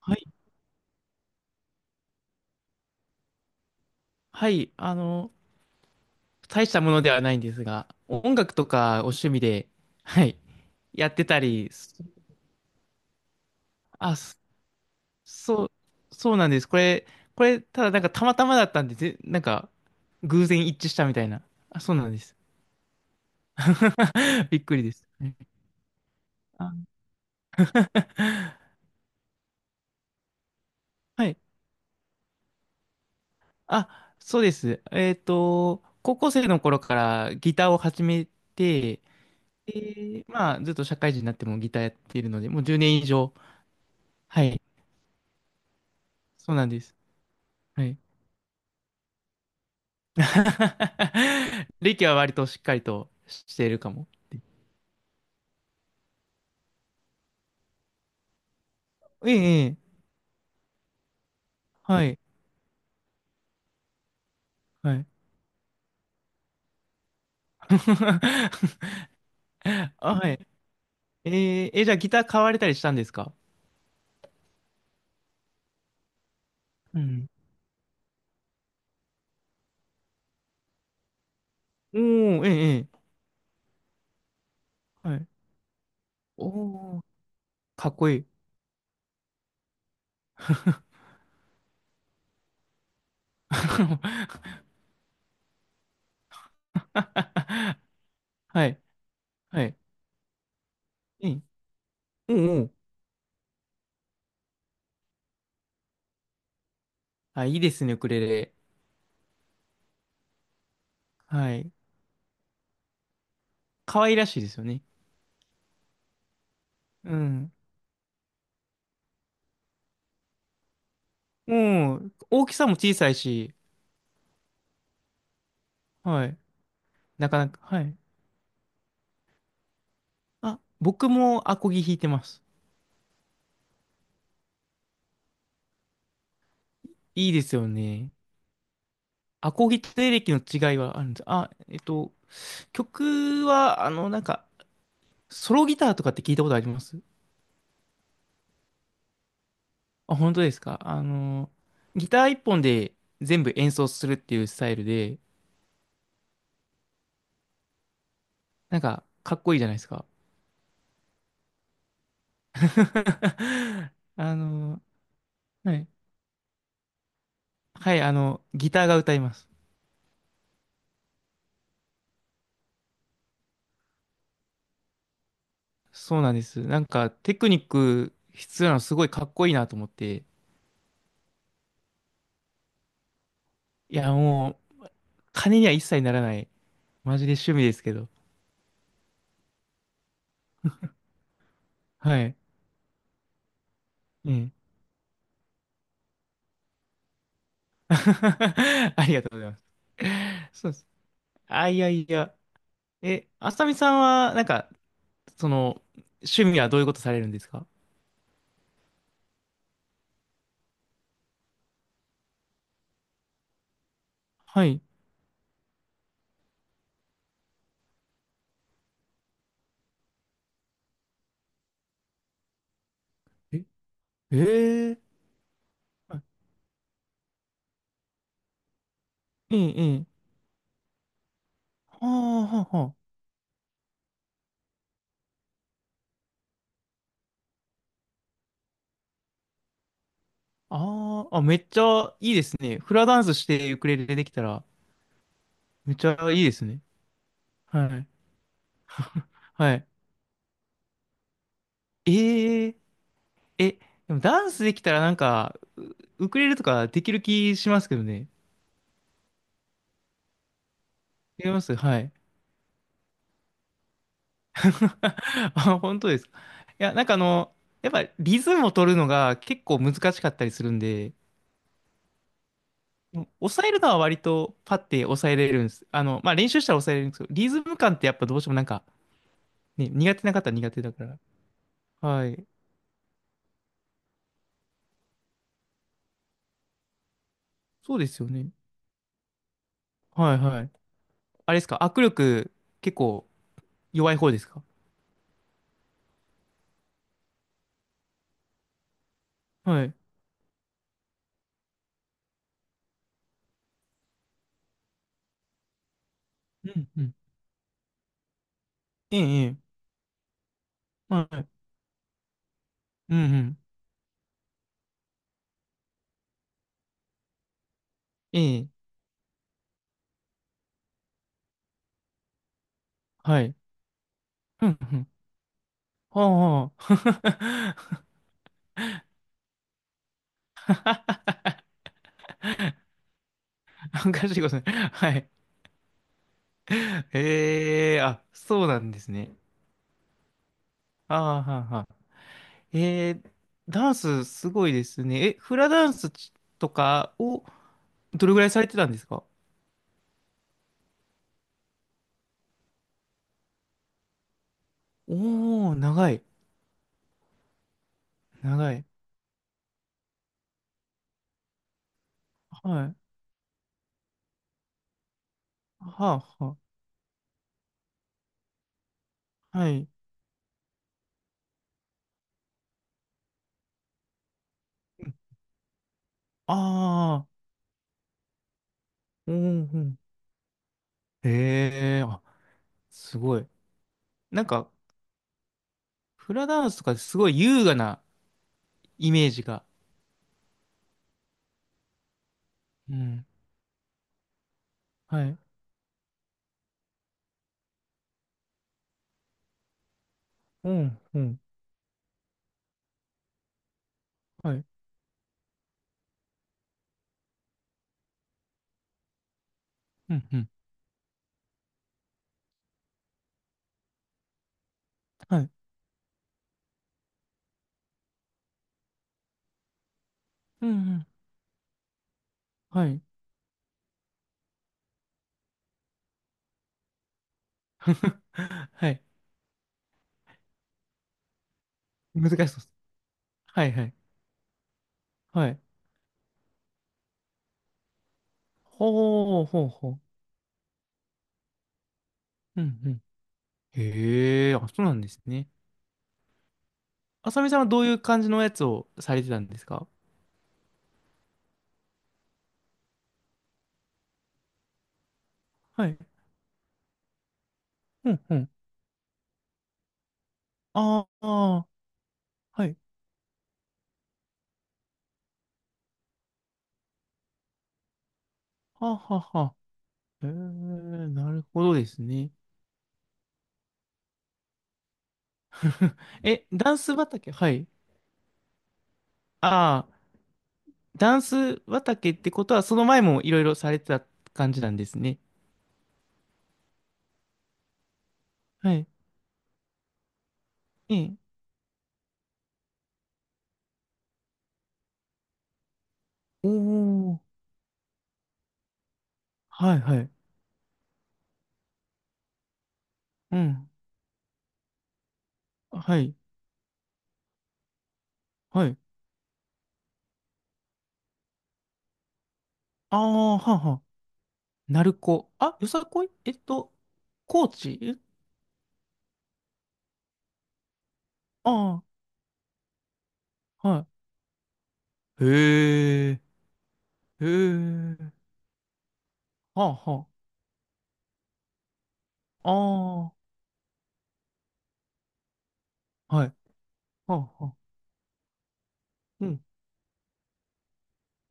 はい、はい、大したものではないんですが、音楽とかお趣味で、はい、やってたり、そあ、そそう、そうなんです。これ、ただなんかたまたまだったんで、ぜなんか、偶然一致したみたいな。あ、そうなんです。びっくりです。あ はい。あ、そうです。高校生の頃からギターを始めて、で、まあ、ずっと社会人になってもギターやっているので、もう10年以上。はい、そうなんです。はい。リキは割としっかりとしているかも。ええ、ええ、はい、はい。あ、はい。えーえ、じゃあギター買われたりしたんですか？うん。おー、ええ、ええ、はい。おー、かっこいい。はい、はい。ええ、おおー、あ、いいですね、ウクレレ。はい。可愛らしいですよね。うん。もう大きさも小さいし、はい。なかなか、はい。あ、僕もアコギ弾いてます。いいですよね。アコギとエレキの違いはあるんです。あ、曲は、なんか、ソロギターとかって聞いたことありますあ、本当ですか？ギター一本で全部演奏するっていうスタイルで、なんか、かっこいいじゃないですか。あの、はい。はい、ギターが歌います。そうなんです。なんか、テクニック必要なのすごいかっこいいなと思って。いや、もう、金には一切ならない。マジで趣味ですけど。はい。ええ。 ありがとうございます。そうです。あ、いやいや。え、あさみさんは、なんか、その、趣味はどういうことされるんですか？はい。え、えー、はい、ええ、ええ。はあ、はあ、はあ。あーあ、めっちゃいいですね。フラダンスしてウクレレできたら、めっちゃいいですね。はい。はい。えええ、でもダンスできたらなんか、ウクレレとかできる気しますけどね。できます、はい。あ、本当ですか。いや、なんかやっぱリズムを取るのが結構難しかったりするんで、抑えるのは割とパッて抑えれるんです。まあ練習したら抑えれるんですけど、リズム感ってやっぱどうしてもなんか、ね、苦手な方は苦手だから。はい。そうですよね。はいはい。あれですか、握力結構弱い方ですか？はい。うんうん。ええ、ええ。はい。うんうん。ええ。はい。うんうん。はあはあ。おかしいことね。はい。ええ、あ、そうなんですね。ああ、はあはあ、えー、ダンスすごいですね。え、フラダンスとかをどれぐらいされてたんですか？おー、長い、長い。はい。はあ、はあ、はい。ああ、うん、うん。ええ、あ、すごい。なんか、フラダンスとかすごい優雅なイメージが。うん。はい。うん、うん。はい。うん、うん。はい。うん、うん。はい。はい。難しそう。はいはい。はい。ほうほうほう。うんうん。へえ、あ、そうなんですね。あさみさんはどういう感じのやつをされてたんですか？はい。うんうん。ああ、はい。ははは。へえ、なるほどですね。え、ダンス畑、はい。ああ、ダンス畑ってことは、その前もいろいろされてた感じなんですね。はい。ええ。おお、はいはい。うん。はい。はい。ああ、はあは。鳴子。あ、よさこい、高知ああ、はい。へえ、へえ、はあはあ、ああ、はい、はあはあ、うん、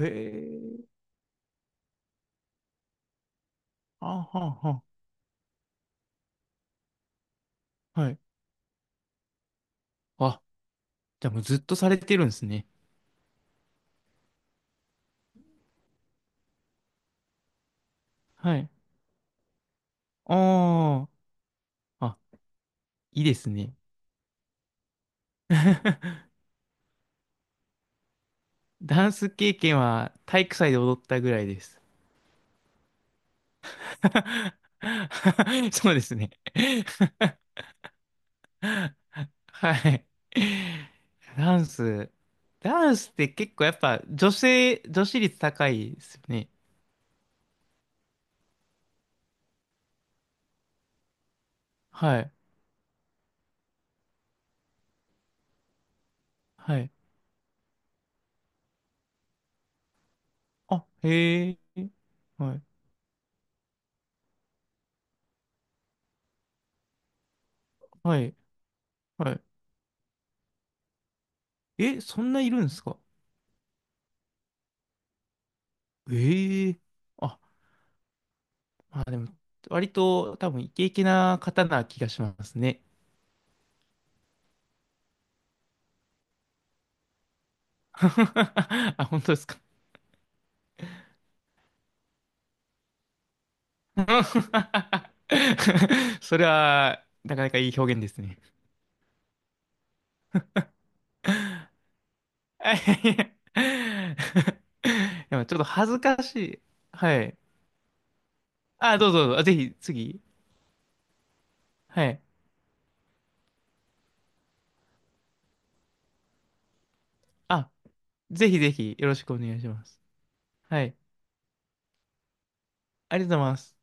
へえ、ああ、はあはあ、はい。あ、じゃあもうずっとされてるんですね。はい。ああ、あ、いいですね。ダンス経験は体育祭で踊ったぐらいです。そうですね。はい。ダンス。ダンスって結構やっぱ女性、女子率高いですよね。はい。はい。あ、へえ。はい。はい。はい。え、そんないるんですか？ええ、あ、まあでも、割と多分イケイケな方な気がしますね。あ、本当ですか。それは、なかなかいい表現ですね。あ、いやいや。 でもちょっと恥ずかしい。はい。あ、どうぞどうぞ。あ、ぜひ、次。はい。あ、ぜひぜひ、よろしくお願いします。はい。ありがとうございます。